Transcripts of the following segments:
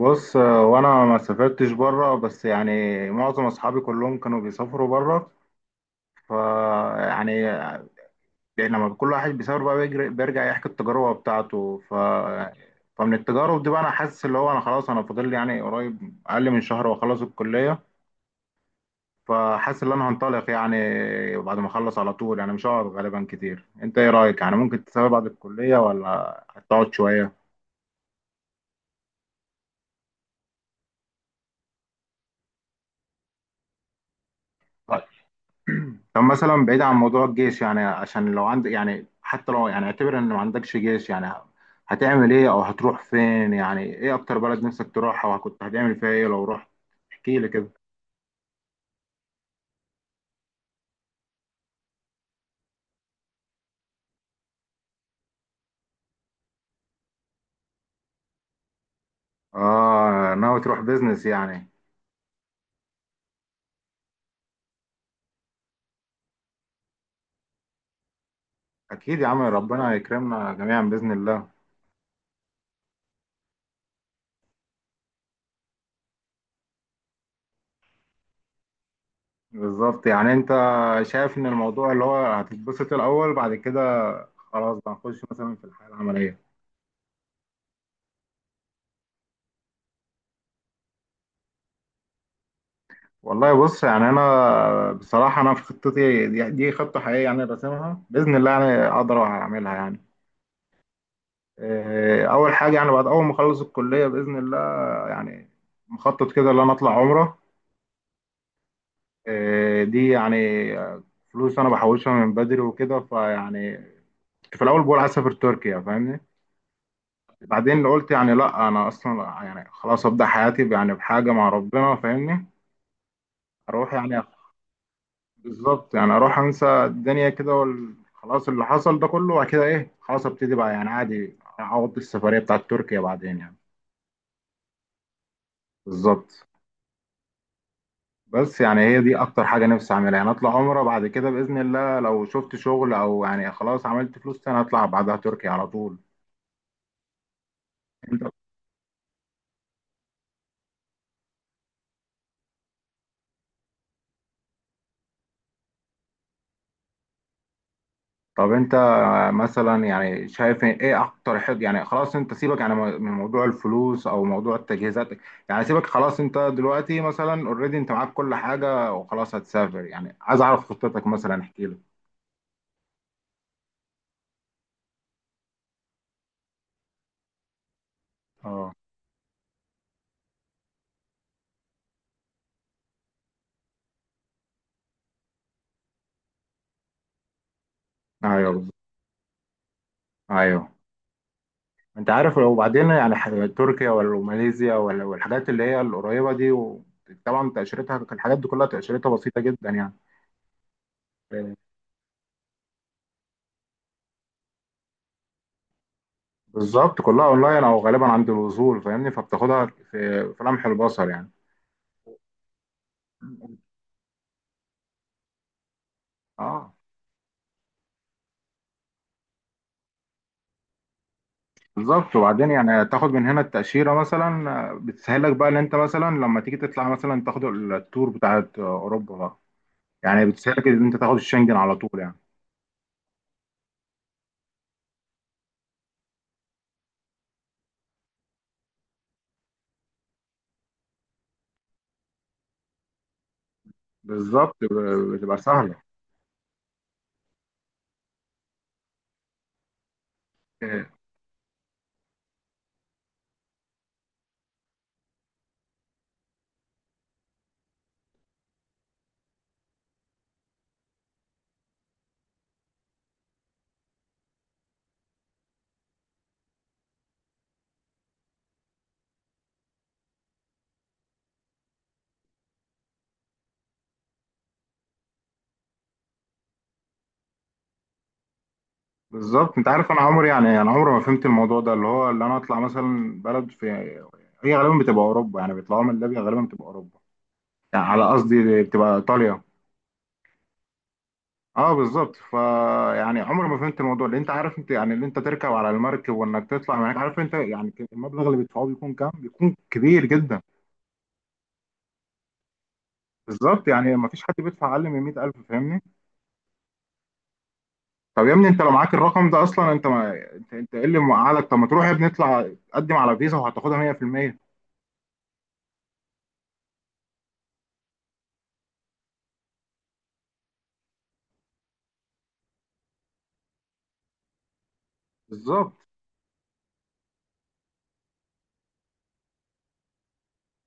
بص، وانا ما سافرتش بره، بس يعني معظم اصحابي كلهم كانوا بيسافروا بره. ف يعني يعني لما كل واحد بيسافر بقى بيجري بيرجع يحكي التجربه بتاعته. فمن التجارب دي بقى انا حاسس اللي هو انا خلاص انا فاضل لي يعني قريب اقل من شهر واخلص الكليه. فحاسس ان انا هنطلق يعني بعد ما اخلص على طول، يعني مش هقعد غالبا كتير. انت ايه رايك؟ يعني ممكن تسافر بعد الكليه ولا هتقعد شويه؟ طب مثلا بعيد عن موضوع الجيش، يعني عشان لو عندك يعني حتى لو، يعني اعتبر ان ما عندكش جيش، يعني هتعمل ايه او هتروح فين؟ يعني ايه اكتر بلد نفسك تروحها وكنت هتعمل فيها ايه لو رحت؟ احكي لي كده. اه ناوي تروح بيزنس يعني؟ اكيد يا عم، ربنا يكرمنا جميعا باذن الله. بالظبط، يعني انت شايف ان الموضوع اللي هو هتتبسط الاول بعد كده خلاص بقى نخش مثلا في الحياه العمليه. والله بص يعني انا بصراحه انا في خطتي دي خطه حقيقيه يعني راسمها باذن الله يعني اقدر اعملها يعني. اول حاجه يعني بعد اول ما اخلص الكليه باذن الله، يعني مخطط كده ان انا اطلع عمره. آه، دي يعني آه، فلوس انا بحوشها من بدري وكده فيعني كنت في الاول بقول عايز اسافر تركيا، فاهمني؟ بعدين قلت يعني لا، انا اصلا يعني خلاص ابدا حياتي يعني بحاجه مع ربنا، فاهمني؟ اروح يعني بالظبط، يعني اروح انسى الدنيا كده خلاص اللي حصل ده كله وبعد كده ايه خلاص ابتدي بقى، يعني عادي اقضي السفريه بتاعت تركيا بعدين يعني. بالظبط. بس يعني هي دي اكتر حاجه نفسي اعملها يعني اطلع عمره بعد كده باذن الله، لو شفت شغل او يعني خلاص عملت فلوس تاني اطلع بعدها تركيا على طول. انت طب انت مثلا يعني شايف ايه اكتر حاجه؟ يعني خلاص انت سيبك يعني من موضوع الفلوس او موضوع التجهيزات، يعني سيبك خلاص انت دلوقتي مثلا اوريدي انت معاك كل حاجه وخلاص هتسافر، يعني عايز اعرف خطتك مثلا، احكي لي. اه ايوه بالظبط. ايوه انت عارف لو بعدين يعني تركيا ولا ماليزيا ولا، والحاجات اللي هي القريبه دي طبعا تاشيرتها الحاجات دي كلها تاشيرتها بسيطه جدا يعني. آه، بالظبط كلها اونلاين او غالبا عند الوصول، فاهمني؟ فبتاخدها في لمح البصر يعني. اه بالظبط. وبعدين يعني تاخد من هنا التأشيرة مثلا، بتسهلك بقى ان انت مثلا لما تيجي تطلع مثلا تاخد التور بتاعت اوروبا بقى، يعني بتسهلك ان انت تاخد الشنجن على طول يعني. بالظبط بتبقى سهلة. آه، بالظبط. انت عارف انا عمري يعني انا عمري ما فهمت الموضوع ده اللي هو اللي انا اطلع مثلا بلد في هي غالبا بتبقى اوروبا يعني بيطلعوا من ليبيا غالبا بتبقى اوروبا، يعني على قصدي بتبقى ايطاليا. اه بالظبط فا يعني عمري ما فهمت الموضوع. اللي انت عارف انت يعني اللي انت تركب على المركب وانك تطلع معاك، عارف انت يعني المبلغ اللي بيدفعوه بيكون كام؟ بيكون كبير جدا. بالظبط، يعني ما فيش حد بيدفع اقل من 100,000، فاهمني؟ طب يا ابني انت لو معاك الرقم ده اصلا انت ما انت ايه اللي موقعك؟ طب ما تروح يا ابني اطلع قدم على فيزا وهتاخدها 100%. بالظبط.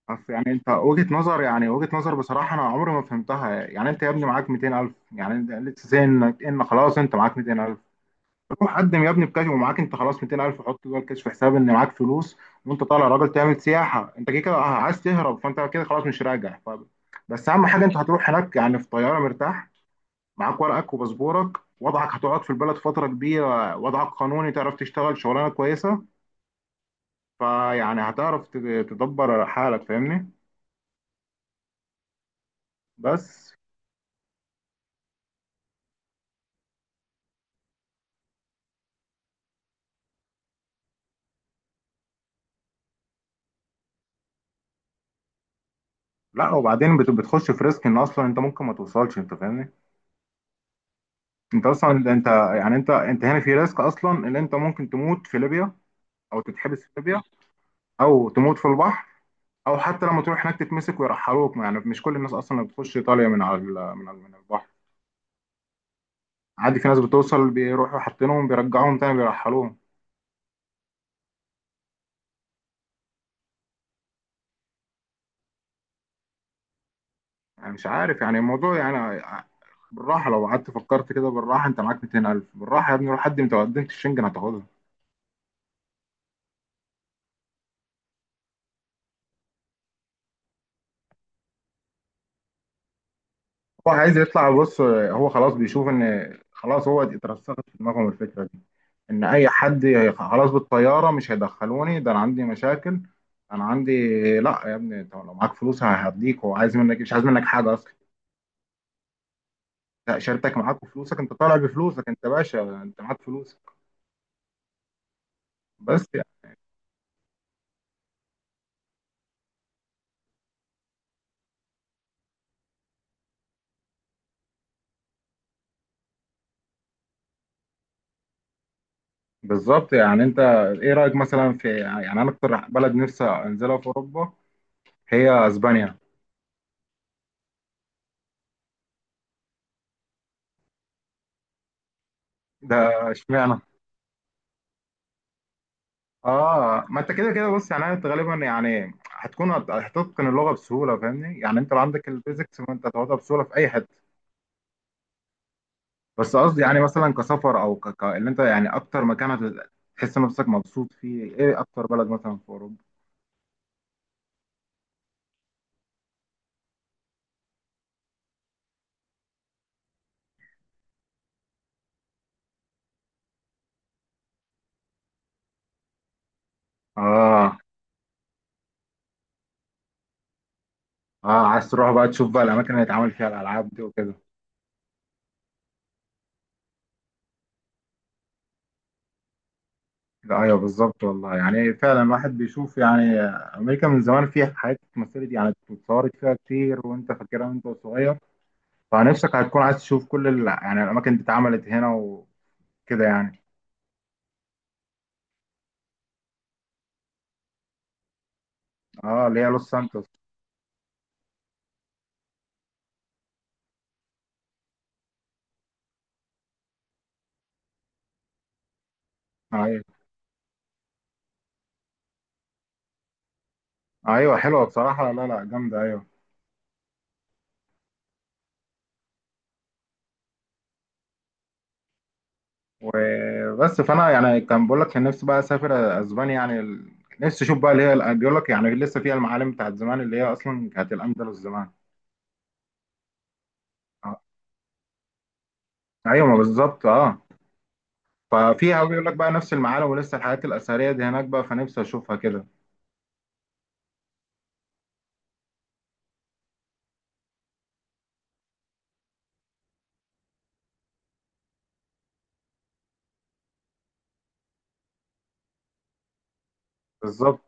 بس يعني انت وجهة نظر، يعني وجهة نظر بصراحة انا عمري ما فهمتها. يعني انت يا ابني معاك 200,000، يعني انت لسه زي انك ان خلاص انت معاك 200,000. روح قدم يا ابني بكاش ومعاك انت خلاص 200,000 وحط جوه الكاش في حساب ان معاك فلوس، وانت طالع راجل تعمل سياحه، انت كده كده عايز تهرب، فانت كده خلاص مش راجع ف... بس اهم حاجه انت هتروح هناك يعني في طياره مرتاح، معاك ورقك وباسبورك، وضعك هتقعد في البلد فتره كبيره، وضعك قانوني، تعرف تشتغل شغلانه كويسه. فيعني هتعرف تدبر حالك، فاهمني؟ بس. لا وبعدين بتخش في ريسك ان اصلا انت ممكن ما توصلش، انت فاهمني؟ انت اصلا انت يعني انت هنا في ريسك اصلا ان انت ممكن تموت في ليبيا، او تتحبس في ليبيا، او تموت في البحر، او حتى لما تروح هناك تتمسك ويرحلوك. يعني مش كل الناس اصلا اللي بتخش ايطاليا من على من البحر. عادي في ناس بتوصل بيروحوا حاطينهم بيرجعوهم تاني بيرحلوهم. يعني مش عارف يعني الموضوع يعني. بالراحه لو قعدت فكرت كده بالراحه انت معاك 200,000، بالراحه يا ابني روح قدم، انت لو قدمت الشنجن هتاخدها. هو عايز يطلع، بص هو خلاص بيشوف ان خلاص هو اترسخت في دماغهم الفكره دي ان اي حد خلاص بالطياره مش هيدخلوني، ده انا عندي مشاكل، انا عندي. لا يا ابني انت لو معاك فلوس هديك، هو عايز منك، مش عايز منك حاجه اصلا. لا شريكتك معاك وفلوسك، انت طالع بفلوسك، انت باشا، انت معاك فلوسك. بس يعني بالظبط. يعني انت ايه رايك مثلا في يعني انا اكتر بلد نفسي انزلها في اوروبا هي اسبانيا؟ ده اشمعنى؟ اه ما انت كده كده بص يعني انت غالبا يعني هتكون هتتقن اللغه بسهوله، فاهمني؟ يعني انت لو عندك البيزكس فانت هتاخدها بسهوله في اي حته. بس قصدي يعني مثلا كسفر او اللي انت يعني اكتر مكان هتحس نفسك مبسوط فيه؟ ايه اكتر بلد مثلا في اوروبا؟ اه اه عايز تروح بقى تشوف بقى الاماكن اللي هيتعمل فيها الالعاب دي وكده. لا ايوه بالظبط والله، يعني فعلا الواحد بيشوف يعني امريكا من زمان فيها حاجات اتمثلت يعني اتصورت فيها كتير، وانت فاكرها وانت صغير، فنفسك هتكون عايز تشوف كل ال... يعني الاماكن دي اتعملت هنا وكده يعني. اه اللي هي لوس سانتوس. ايوه ايوه حلوه بصراحه، لا لا جامده، ايوه. وبس فانا يعني كان بقول لك كان نفسي بقى اسافر اسبانيا، يعني ال... نفسي اشوف بقى اللي هي بيقول لك يعني لسه فيها المعالم بتاعت زمان اللي هي اصلا كانت الاندلس زمان. آه. ايوه ما بالظبط اه. ففيها بيقول لك بقى نفس المعالم ولسه الحاجات الاثريه دي هناك بقى، فنفسي اشوفها كده. بالظبط.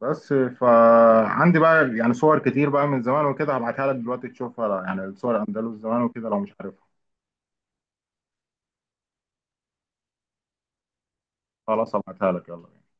بس فعندي بقى يعني صور كتير بقى من زمان وكده، هبعتها لك دلوقتي تشوفها، يعني صور اندلس زمان وكده لو مش عارفها. خلاص هبعتها لك، يلا بينا.